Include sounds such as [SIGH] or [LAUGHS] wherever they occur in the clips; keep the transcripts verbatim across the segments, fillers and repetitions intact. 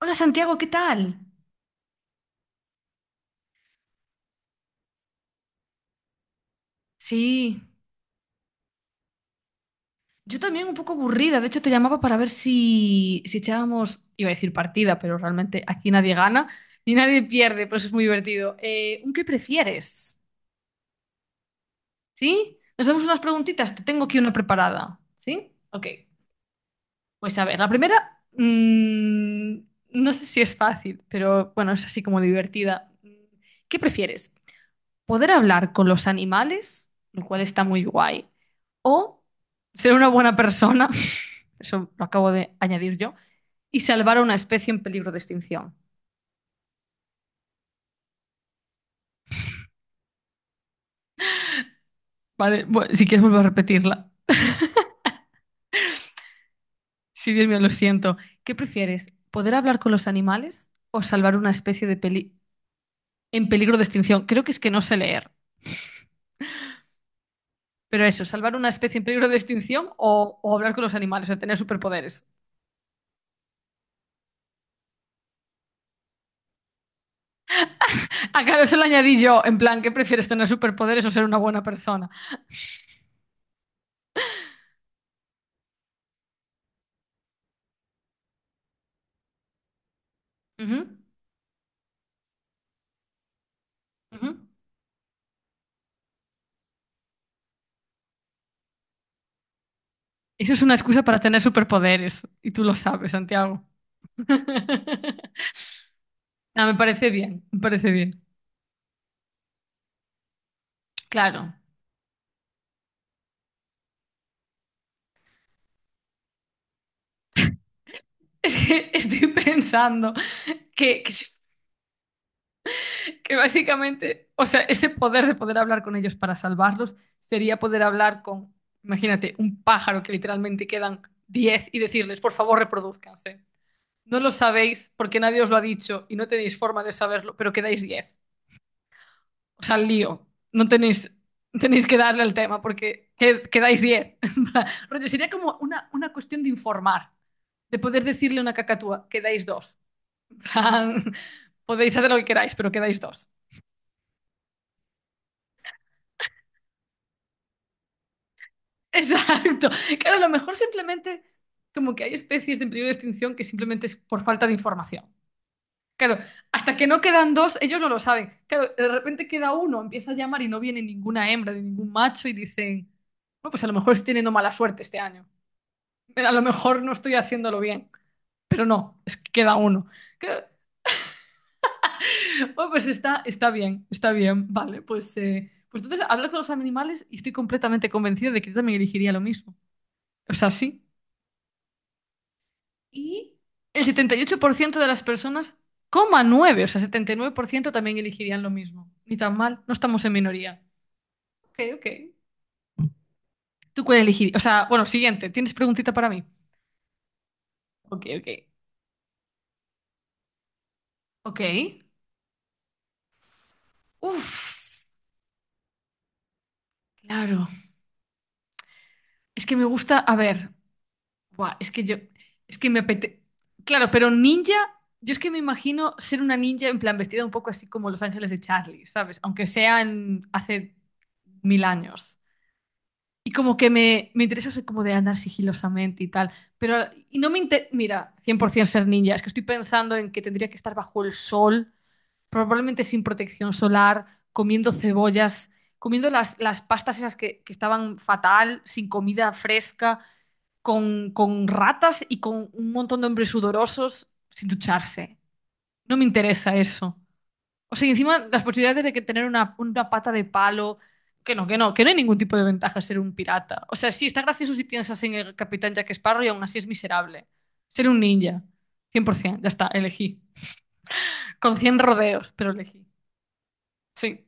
Hola Santiago, ¿qué tal? Sí, yo también un poco aburrida. De hecho, te llamaba para ver si, si echábamos, iba a decir partida, pero realmente aquí nadie gana ni nadie pierde, por eso es muy divertido. Eh, ¿un qué prefieres? ¿Sí? Nos damos unas preguntitas, te tengo aquí una preparada. ¿Sí? Ok. Pues a ver, la primera, mm, no sé si es fácil, pero bueno, es así como divertida. ¿Qué prefieres? ¿Poder hablar con los animales, lo cual está muy guay, o ser una buena persona, [LAUGHS] eso lo acabo de añadir yo, y salvar a una especie en peligro de extinción? Vale, bu- si quieres vuelvo a repetirla. Sí, Dios mío, lo siento. ¿Qué prefieres? ¿Poder hablar con los animales o salvar una especie de peli- en peligro de extinción? Creo que es que no sé leer. Pero eso, salvar una especie en peligro de extinción o, o hablar con los animales, o tener superpoderes. Ah, claro, eso lo añadí yo, en plan, ¿qué prefieres, tener superpoderes o ser una buena persona? Ujú, ujú. Eso es una excusa para tener superpoderes. Y tú lo sabes, Santiago. [LAUGHS] No, me parece bien, me parece bien. Claro. Es que estoy pensando que, que, si- que básicamente, o sea, ese poder de poder hablar con ellos para salvarlos sería poder hablar con, imagínate, un pájaro que literalmente quedan diez y decirles, por favor, reproduzcanse. No lo sabéis porque nadie os lo ha dicho y no tenéis forma de saberlo, pero quedáis diez. O sea, lío. No tenéis, tenéis que darle al tema porque que- quedáis diez. [LAUGHS] Rollo, sería como una, una cuestión de informar, de poder decirle a una cacatúa, quedáis dos. [LAUGHS] En plan, podéis hacer lo que queráis, pero quedáis dos. [LAUGHS] Exacto. Claro, a lo mejor simplemente como que hay especies de peligro de extinción que simplemente es por falta de información. Claro, hasta que no quedan dos, ellos no lo saben. Claro, de repente queda uno, empieza a llamar y no viene ninguna hembra ni ningún macho y dicen, bueno, pues a lo mejor estoy teniendo mala suerte este año. [LAUGHS] A lo mejor no estoy haciéndolo bien, pero no, es que queda uno. Que- Bueno, pues está, está bien, está bien, vale, pues, eh, pues entonces hablar con los animales y estoy completamente convencida de que yo también elegiría lo mismo. O sea, sí. Y el setenta y ocho por ciento de las personas, coma nueve, o sea, setenta y nueve por ciento también elegirían lo mismo. Ni tan mal, no estamos en minoría. Ok, ok. ¿Tú cuál elegirías? O sea, bueno, siguiente, ¿tienes preguntita para mí? Ok, ok. Ok. Uf, claro. Es que me gusta, a ver. Buah, es que yo, es que me apetece. Claro, pero ninja, yo es que me imagino ser una ninja en plan vestida un poco así como Los Ángeles de Charlie, ¿sabes? Aunque sea en- hace mil años. Y como que me, me interesa eso como de andar sigilosamente y tal. Pero y no me interesa, mira, cien por ciento ser ninja. Es que estoy pensando en que tendría que estar bajo el sol, probablemente sin protección solar, comiendo cebollas, comiendo las, las pastas esas que, que estaban fatal, sin comida fresca con, con ratas y con un montón de hombres sudorosos sin ducharse. No me interesa eso. O sea, y encima las posibilidades de que tener una, una pata de palo, que no, que no, que no hay ningún tipo de ventaja ser un pirata. O sea, sí, está gracioso si piensas en el capitán Jack Sparrow y aún así es miserable. Ser un ninja. cien por ciento, ya está, elegí. Con cien rodeos, pero elegí. Sí.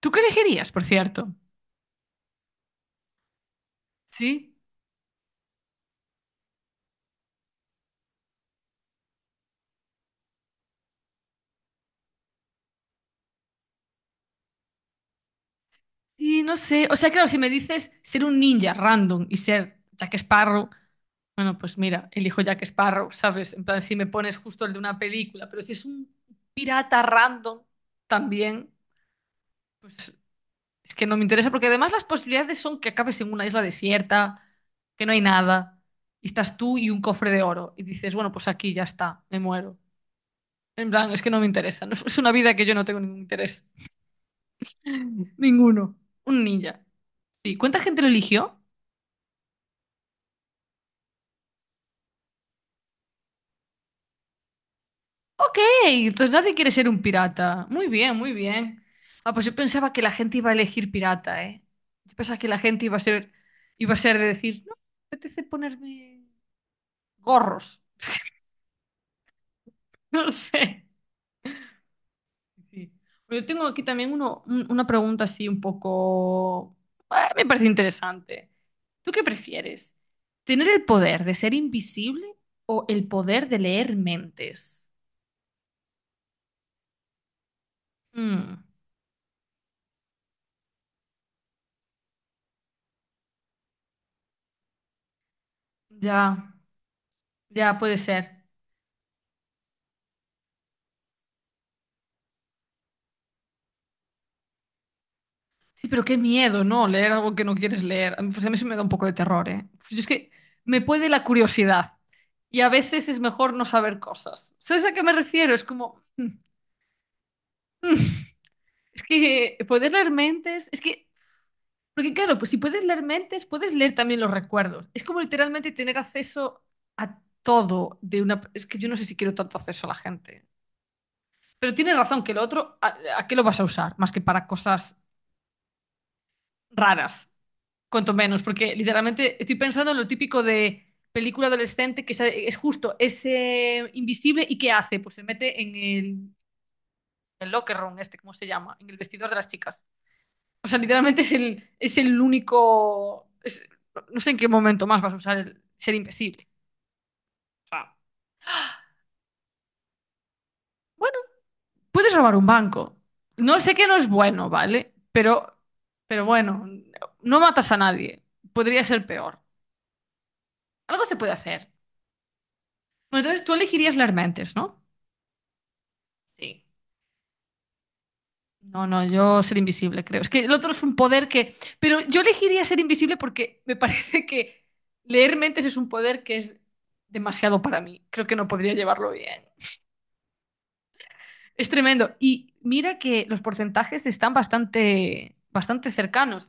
¿Tú qué elegirías, por cierto? Sí. Y no sé, o sea, claro, si me dices ser un ninja random y ser Jack Sparrow, bueno, pues mira, elijo Jack Sparrow, ¿sabes? En plan, si me pones justo el de una película, pero si es un pirata random también, pues es que no me interesa, porque además las posibilidades son que acabes en una isla desierta, que no hay nada, y estás tú y un cofre de oro, y dices, bueno, pues aquí ya está, me muero. En plan, es que no me interesa, no es es una vida que yo no tengo ningún interés. [LAUGHS] Ninguno. Un ninja. Sí, ¿cuánta gente lo eligió? Ok, entonces nadie quiere ser un pirata. Muy bien, muy bien. Ah, pues yo pensaba que la gente iba a elegir pirata, ¿eh? Yo pensaba que la gente iba a ser, iba a ser de decir, no, me apetece ponerme gorros. [LAUGHS] No sé. Sí. Yo tengo aquí también uno, un- una pregunta así un poco. Ah, me parece interesante. ¿Tú qué prefieres? ¿Tener el poder de ser invisible o el poder de leer mentes? Mm, ya, ya puede ser. Sí, pero qué miedo, ¿no? Leer algo que no quieres leer. A mí, Pues a mí eso me da un poco de terror, ¿eh? Pues yo es que me puede la curiosidad y a veces es mejor no saber cosas. ¿Sabes a qué me refiero? Es como, [LAUGHS] mm, es que poder leer mentes, es que, porque claro, pues si puedes leer mentes, puedes leer también los recuerdos. Es como literalmente tener acceso a todo de una. Es que yo no sé si quiero tanto acceso a la gente. Pero tienes razón que lo otro, ¿a, a qué lo vas a usar? Más que para cosas raras. Cuanto menos, porque literalmente estoy pensando en lo típico de película adolescente que se- es justo, es eh, invisible y ¿qué hace? Pues se mete en el, el locker room, este, ¿cómo se llama? En el vestidor de las chicas. O sea, literalmente es el, es el único. Es- no sé en qué momento más vas a usar el ser invisible. Bueno, puedes robar un banco. No sé que no es bueno, ¿vale? Pero, pero bueno, no matas a nadie. Podría ser peor. Algo se puede hacer. Bueno, entonces tú elegirías las mentes, ¿no? Sí. No, no, yo ser invisible, creo. Es que el otro es un poder que. Pero yo elegiría ser invisible porque me [LAUGHS] parece que leer mentes es un poder que es demasiado para mí. Creo que no podría llevarlo bien. Es tremendo. Y mira que los porcentajes están bastante, bastante cercanos.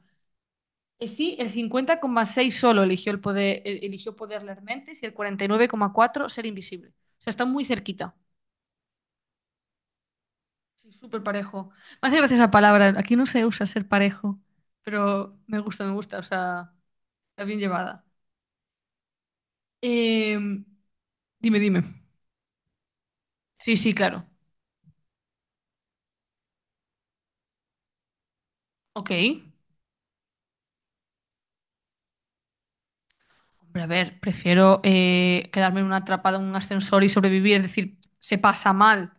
Eh, Sí, el cincuenta coma seis solo eligió el poder, el- eligió poder leer mentes y el cuarenta y nueve coma cuatro ser invisible. O sea, está muy cerquita. Sí, súper parejo. Me hace gracia esa palabra. Aquí no se usa ser parejo, pero me gusta, me gusta. O sea. Está bien llevada. Eh, dime, dime. Sí, sí, claro. Ok. Hombre, a ver, prefiero eh, quedarme en una atrapada en un ascensor y sobrevivir. Es decir, se pasa mal,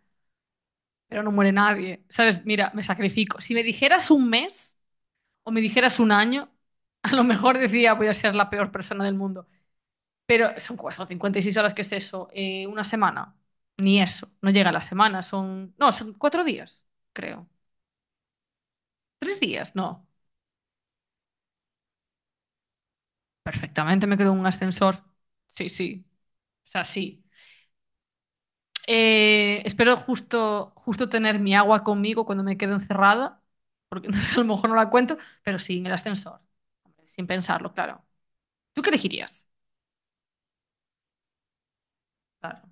pero no muere nadie. ¿Sabes? Mira, me sacrifico. Si me dijeras un mes o me dijeras un año, a lo mejor decía voy a ser la peor persona del mundo. Pero son cuatro, cincuenta y seis horas, ¿qué es eso? Eh, una semana. Ni eso. No llega a la semana. Son. No, son cuatro días, creo. Tres días, no. Perfectamente me quedo en un ascensor. Sí, sí. O sea, sí. Eh, espero justo, justo tener mi agua conmigo cuando me quedo encerrada, porque [LAUGHS] a lo mejor no la cuento, pero sí, en el ascensor. Hombre, sin pensarlo, claro. ¿Tú qué elegirías? Claro.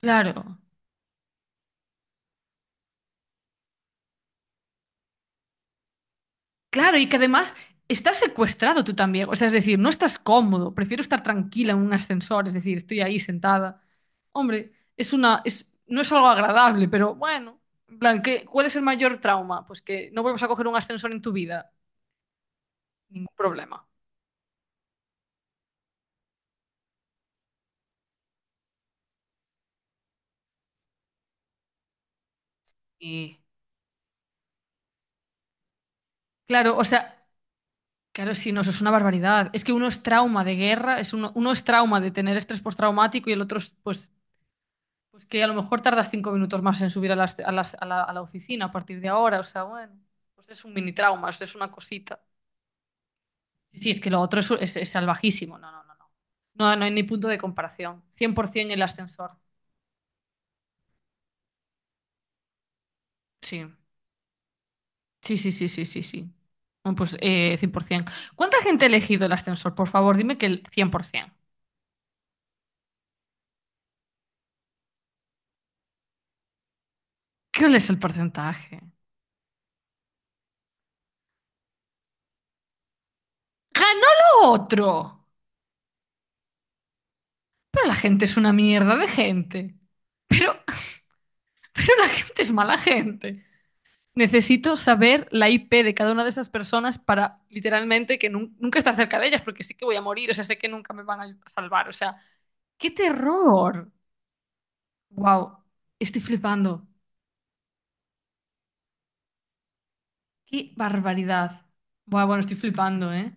Claro. Claro, y que además estás secuestrado tú también. O sea, es decir, no estás cómodo. Prefiero estar tranquila en un ascensor, es decir, estoy ahí sentada. Hombre, es una, es, no es algo agradable, pero bueno. En plan, ¿qué- cuál es el mayor trauma? Pues que no vuelvas a coger un ascensor en tu vida. Ningún problema. Y claro, o sea, claro, sí, no, eso es una barbaridad. Es que uno es trauma de guerra, es uno, uno es trauma de tener estrés postraumático y el otro es, pues, pues que a lo mejor tardas cinco minutos más en subir a las- a las- a la, a la oficina a partir de ahora. O sea, bueno, pues es un mini trauma, es una cosita. Sí, sí, es que lo otro es, es- es salvajísimo. No, no, no, no. No, no hay ni punto de comparación. cien por ciento el ascensor. Sí, sí, sí, sí, sí, sí, sí. Bueno, pues eh, cien por ciento. ¿Cuánta gente ha elegido el ascensor? Por favor, dime que el cien por ciento. ¿Qué es el porcentaje? ¡Ganó lo otro! Pero la gente es una mierda de gente. Pero, [LAUGHS] pero la gente es mala gente. Necesito saber la I P de cada una de esas personas para literalmente que nun- nunca estar cerca de ellas, porque sí que voy a morir, o sea, sé que nunca me van a salvar, o sea, ¡qué terror! ¡Wow! Estoy flipando. ¡Qué barbaridad! Buah, bueno, estoy flipando, ¿eh?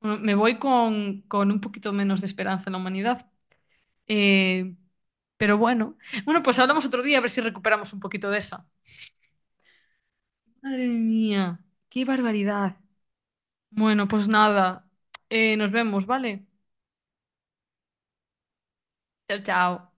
Bueno, me voy con, con un poquito menos de esperanza en la humanidad. Eh, pero bueno. Bueno, pues hablamos otro día a ver si recuperamos un poquito de esa. Madre mía, qué barbaridad. Bueno, pues nada. Eh, nos vemos, ¿vale? Chao, chao.